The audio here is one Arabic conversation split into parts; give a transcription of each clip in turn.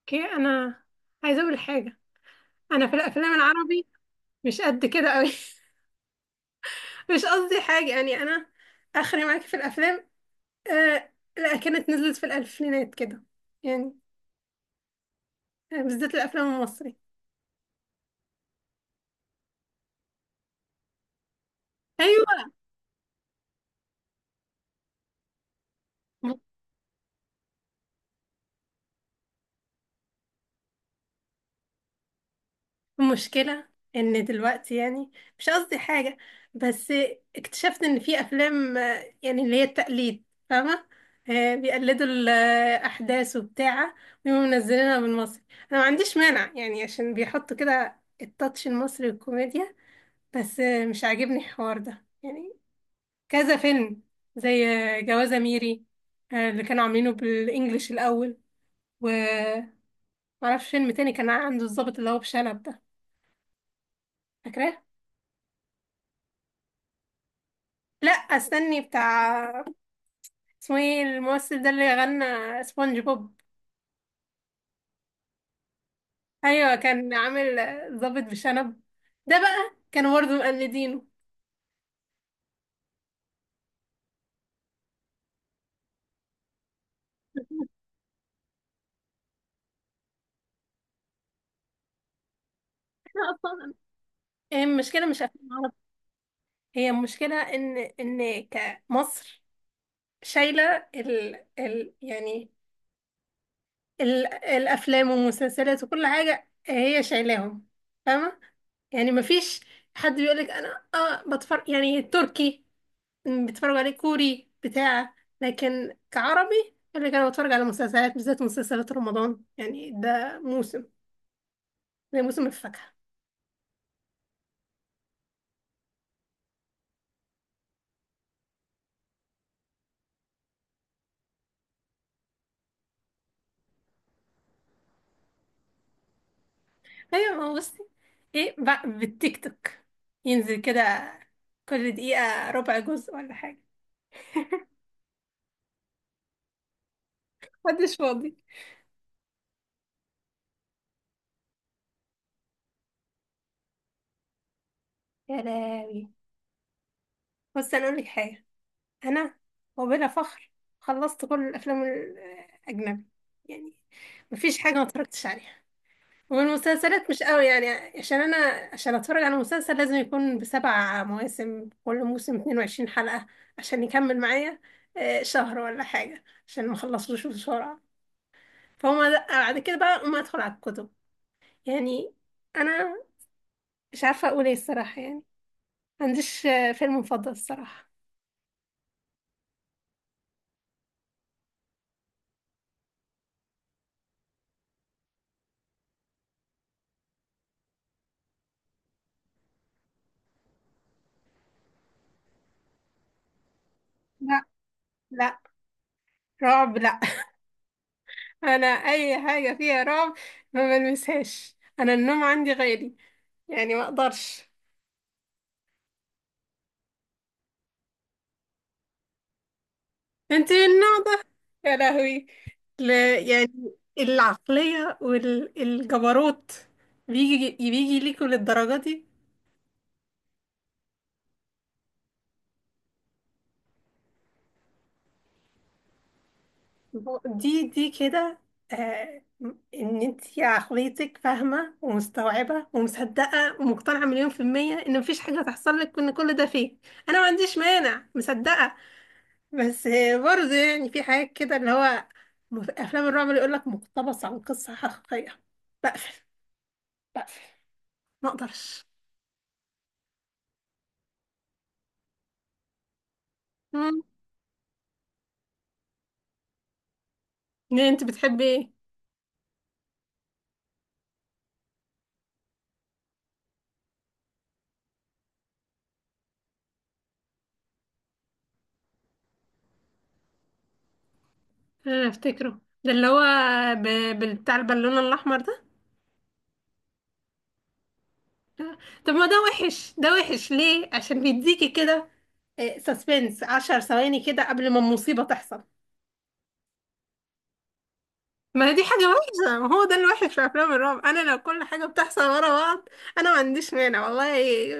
اوكي، انا عايزه اقول حاجه. انا في الافلام العربي مش قد كده قوي. مش قصدي حاجه، يعني انا اخري معاكي في الافلام. آه لا، كانت نزلت في الالفينات كده يعني. بالذات الافلام المصري. ايوه. المشكلة ان دلوقتي يعني، مش قصدي حاجة، بس اكتشفت ان في افلام يعني اللي هي التقليد، فاهمة؟ بيقلدوا الاحداث وبتاع، ويقوموا منزلينها بالمصري. انا ما عنديش مانع يعني، عشان بيحطوا كده التاتش المصري والكوميديا، بس مش عاجبني الحوار ده يعني. كذا فيلم، زي جوازة ميري، اللي كانوا عاملينه بالانجليش الاول. و معرفش فيلم تاني كان عنده الضابط اللي هو بشنب ده، فاكراه؟ لا استني بتاع، اسمه ايه الممثل ده اللي غنى سبونج بوب؟ ايوه، كان عامل ضابط بشنب. ده بقى كانوا برضه مقلدينه. احنا اصلا، هي المشكله مش افلام عربي. هي المشكله ان كمصر شايله ال يعني الافلام والمسلسلات وكل حاجه، هي شايلاهم. فاهمه؟ يعني مفيش حد بيقولك انا بتفرج يعني التركي، بتفرج عليه كوري بتاع. لكن كعربي، اللي كان بتفرج على مسلسلات، بالذات مسلسلات رمضان، يعني ده موسم زي موسم الفاكهة. ايوه، ما هو بصي، ايه بقى بالتيك توك، ينزل كده كل دقيقة ربع جزء ولا حاجة. محدش فاضي. يا لهوي، بس انا اقول لك حاجة. انا وبلا فخر خلصت كل الافلام الاجنبي، يعني مفيش حاجة ما اتفرجتش عليها. والمسلسلات مش قوي يعني. عشان انا، عشان اتفرج على مسلسل لازم يكون بسبع مواسم، كل موسم 22 حلقة عشان يكمل معايا شهر ولا حاجة، عشان ما اخلصوش بسرعة. فهم لأ، بعد كده بقى ما ادخل على الكتب يعني. انا مش عارفة اقول ايه الصراحة، يعني ما عنديش فيلم مفضل الصراحة. لا، لا، رعب لا. انا اي حاجة فيها رعب ما بلمسهاش، انا النوم عندي غالي يعني، ما اقدرش. انت من النوع ده؟ يا لهوي. ل... يعني العقلية والجبروت بيجي بيجي ليكوا للدرجة دي. دي دي كده. آه، ان انت عقليتك فاهمة ومستوعبة ومصدقة ومقتنعة مليون في المية ان مفيش حاجة هتحصل لك، ان كل ده فيه. انا ما عنديش مانع، مصدقة، بس برضه يعني في حاجات كده اللي هو افلام الرعب اللي يقول لك مقتبس عن قصة حقيقية، بقفل بقفل، ما اقدرش. ده انت بتحبي ايه؟ انا افتكره، ده اللي هو ب... بتاع البالونه الاحمر ده. لا. طب ما ده وحش، ده وحش ليه؟ عشان بيديكي كده سسبنس 10 ثواني كده قبل ما المصيبه تحصل. ما هي دي حاجه وحشه، ما هو ده الوحش في افلام الرعب. انا لو كل حاجه بتحصل ورا بعض، انا ما عنديش مانع والله.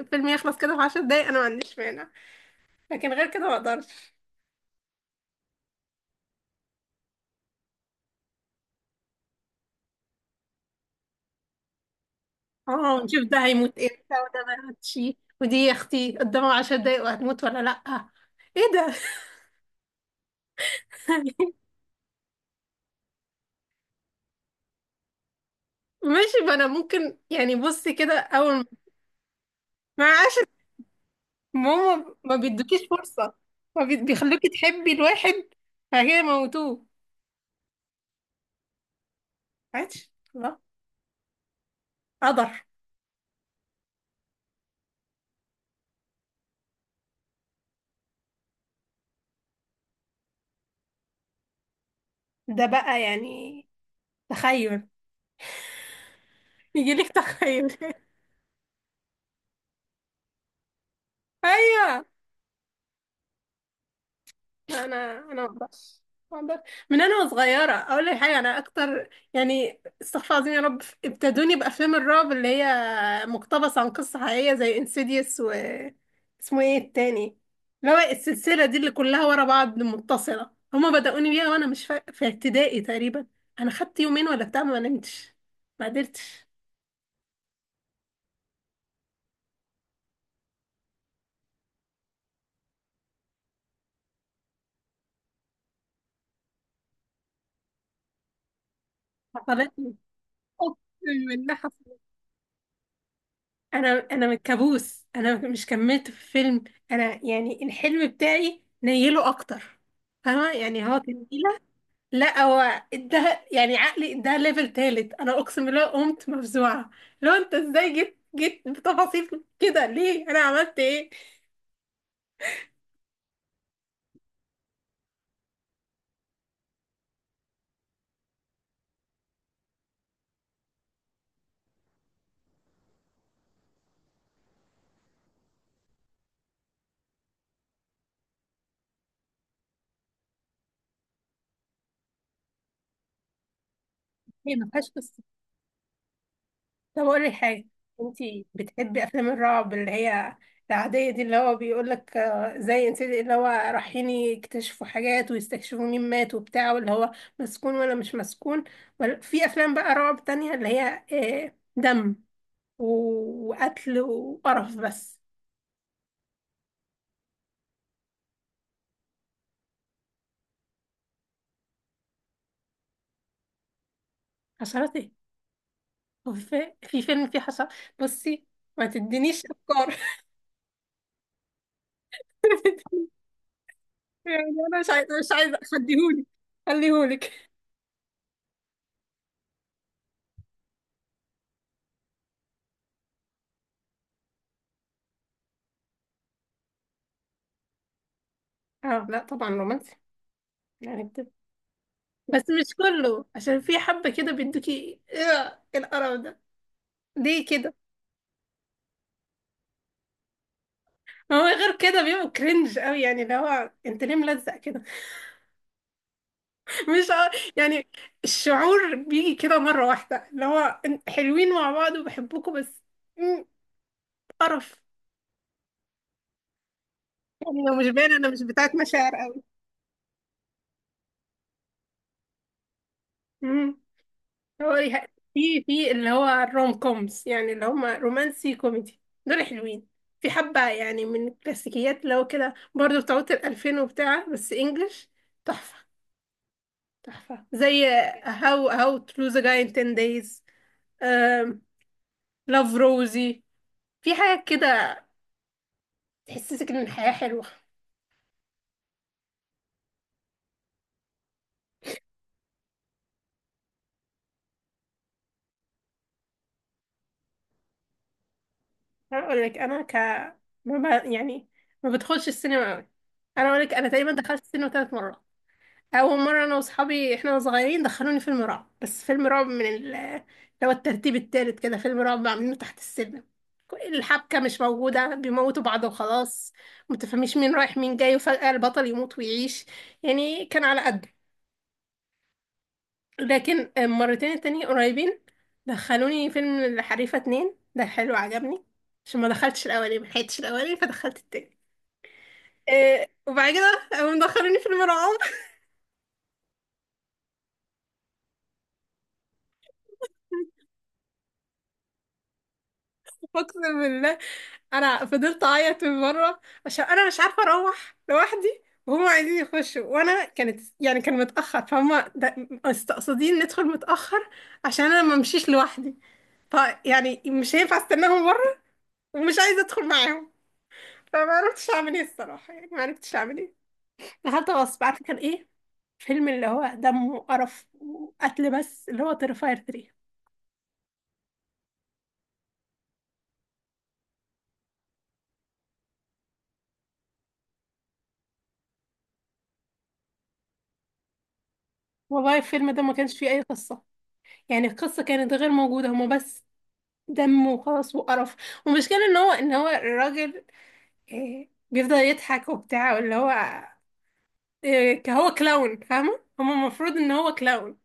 فيلم يخلص كده في 10 دقايق، انا ما عنديش مانع. لكن غير كده ما اقدرش. اه، نشوف ده هيموت امتى وده ما يموتش. ودي يا اختي قدامها 10 دقايق، وهتموت ولا لا؟ ايه ده؟ ماشي، ما انا ممكن يعني، بصي كده اول ما ما عشان ماما ما بيدوكيش فرصة. ما بي- بيخلوكي تحبي الواحد فهي موتوه. عادش لا قدر. ده بقى يعني تخيل، يجيلك تخيل. ايوه، انا ما اقدرش، ما اقدرش. من انا وصغيره اقول لك حاجه، انا اكتر يعني، استغفر الله العظيم يا رب، ابتدوني بافلام الرعب اللي هي مقتبسه عن قصه حقيقيه زي انسيديوس، و اسمه ايه التاني، اللي هو السلسله دي اللي كلها ورا بعض متصله. هما بدأوني بيها وانا مش في ابتدائي تقريبا. انا خدت يومين ولا بتاع ما نمتش، ما قدرتش. حصلت لي، اقسم بالله. انا من كابوس، انا مش كملت في الفيلم. انا يعني الحلم بتاعي نيله اكتر، فاهمه يعني؟ هو تنيله. لا، هو ده يعني عقلي ده ليفل تالت، انا اقسم بالله قمت مفزوعه. لو انت ازاي جيت جيت بتفاصيل كده؟ ليه انا عملت ايه؟ هي ما فيهاش قصه. طب قولي حاجة، انتي بتحبي افلام الرعب اللي هي العادية دي، اللي هو بيقولك زي انت، اللي هو رايحين يكتشفوا حاجات ويستكشفوا مين مات وبتاع، واللي هو مسكون ولا مش مسكون؟ ولا في افلام بقى رعب تانية اللي هي دم وقتل وقرف بس؟ حشرات ايه؟ هو في فيلم فيه حشرات؟ بصي، ما تدينيش افكار. يعني انا مش عايزة، مش عايزة، خديهولي. خليهولك. اه لا، طبعا رومانسي يعني. بس مش كله، عشان في حبة كده بيدوكي ايه القرف ده؟ ليه كده؟ ما هو غير كده بيبقوا كرنج قوي، يعني اللي هو انت ليه ملزق كده؟ مش ع- يعني الشعور بيجي كده مرة واحدة، اللي هو حلوين مع بعض وبحبكم بس، مم، قرف يعني. لو مش باين، انا مش بتاعت مشاعر قوي. هو يه- في اللي هو الروم كومز، يعني اللي هما رومانسي كوميدي، دول حلوين. في حبة يعني من الكلاسيكيات اللي هو كده برضه، بتاعت الألفين وبتاع، بس إنجلش، تحفة. تحفة زي هاو to lose a guy in 10 days، لاف روزي. في حاجة كده تحسسك إن الحياة حلوة. أنا أقول لك، أنا ما ب... يعني ما بدخلش السينما أوي. أنا أقول لك، أنا تقريبا دخلت السينما 3 مرات. اول مره انا واصحابي احنا صغيرين، دخلوني فيلم رعب، بس فيلم رعب من اللي هو الترتيب التالت كده، فيلم رعب عاملينه تحت السلم. الحبكه مش موجوده، بيموتوا بعض وخلاص. متفهميش مين رايح مين جاي، وفجاه البطل يموت ويعيش. يعني كان على قده. لكن مرتين التانية قريبين، دخلوني فيلم الحريفه 2، ده حلو عجبني. عشان ما دخلتش الاولاني، ما لحقتش الاولاني فدخلت التاني. إيه، وبعد كده قاموا مدخلوني فيلم رعب. اقسم بالله، انا فضلت اعيط من بره، عشان انا مش عارفه اروح لوحدي وهم عايزين يخشوا، وانا كانت يعني كان متاخر فهم. ده- مستقصدين ندخل متاخر، عشان انا ما امشيش لوحدي. فيعني مش هينفع استناهم بره، ومش عايزه ادخل معاهم. فما عرفتش اعمل ايه الصراحه، يعني ما عرفتش اعمل ايه. دخلت غصب. عارفه كان ايه؟ فيلم اللي هو دم وقرف وقتل بس، اللي هو تيرفاير 3. والله الفيلم ده ما كانش فيه اي قصه. يعني القصه كانت غير موجوده، هما بس دم وخلاص وقرف. والمشكلة ان هو الراجل، بيفضل يضحك وبتاع، اللي هو هو كلاون، فاهمة؟ هو المفروض ان هو كلاون،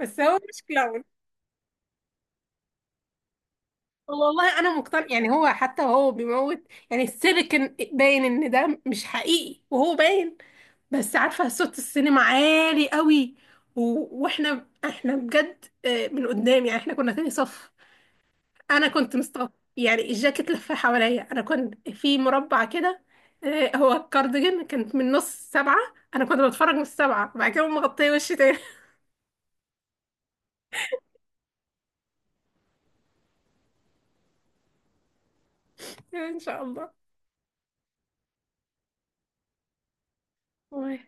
بس هو مش كلاون. والله انا مقتنع يعني، هو حتى هو بيموت يعني. السيليكون باين ان ده مش حقيقي، وهو باين. بس عارفة صوت السينما عالي قوي، و... واحنا بجد من قدام يعني، احنا كنا تاني صف. انا كنت مستغربه، يعني الجاكيت لف حواليا، انا كنت في مربع كده. هو الكارديجان كانت من نص سبعة، انا كنت بتفرج من السبعة، بعد كده مغطيه وشي تاني. ان شاء الله.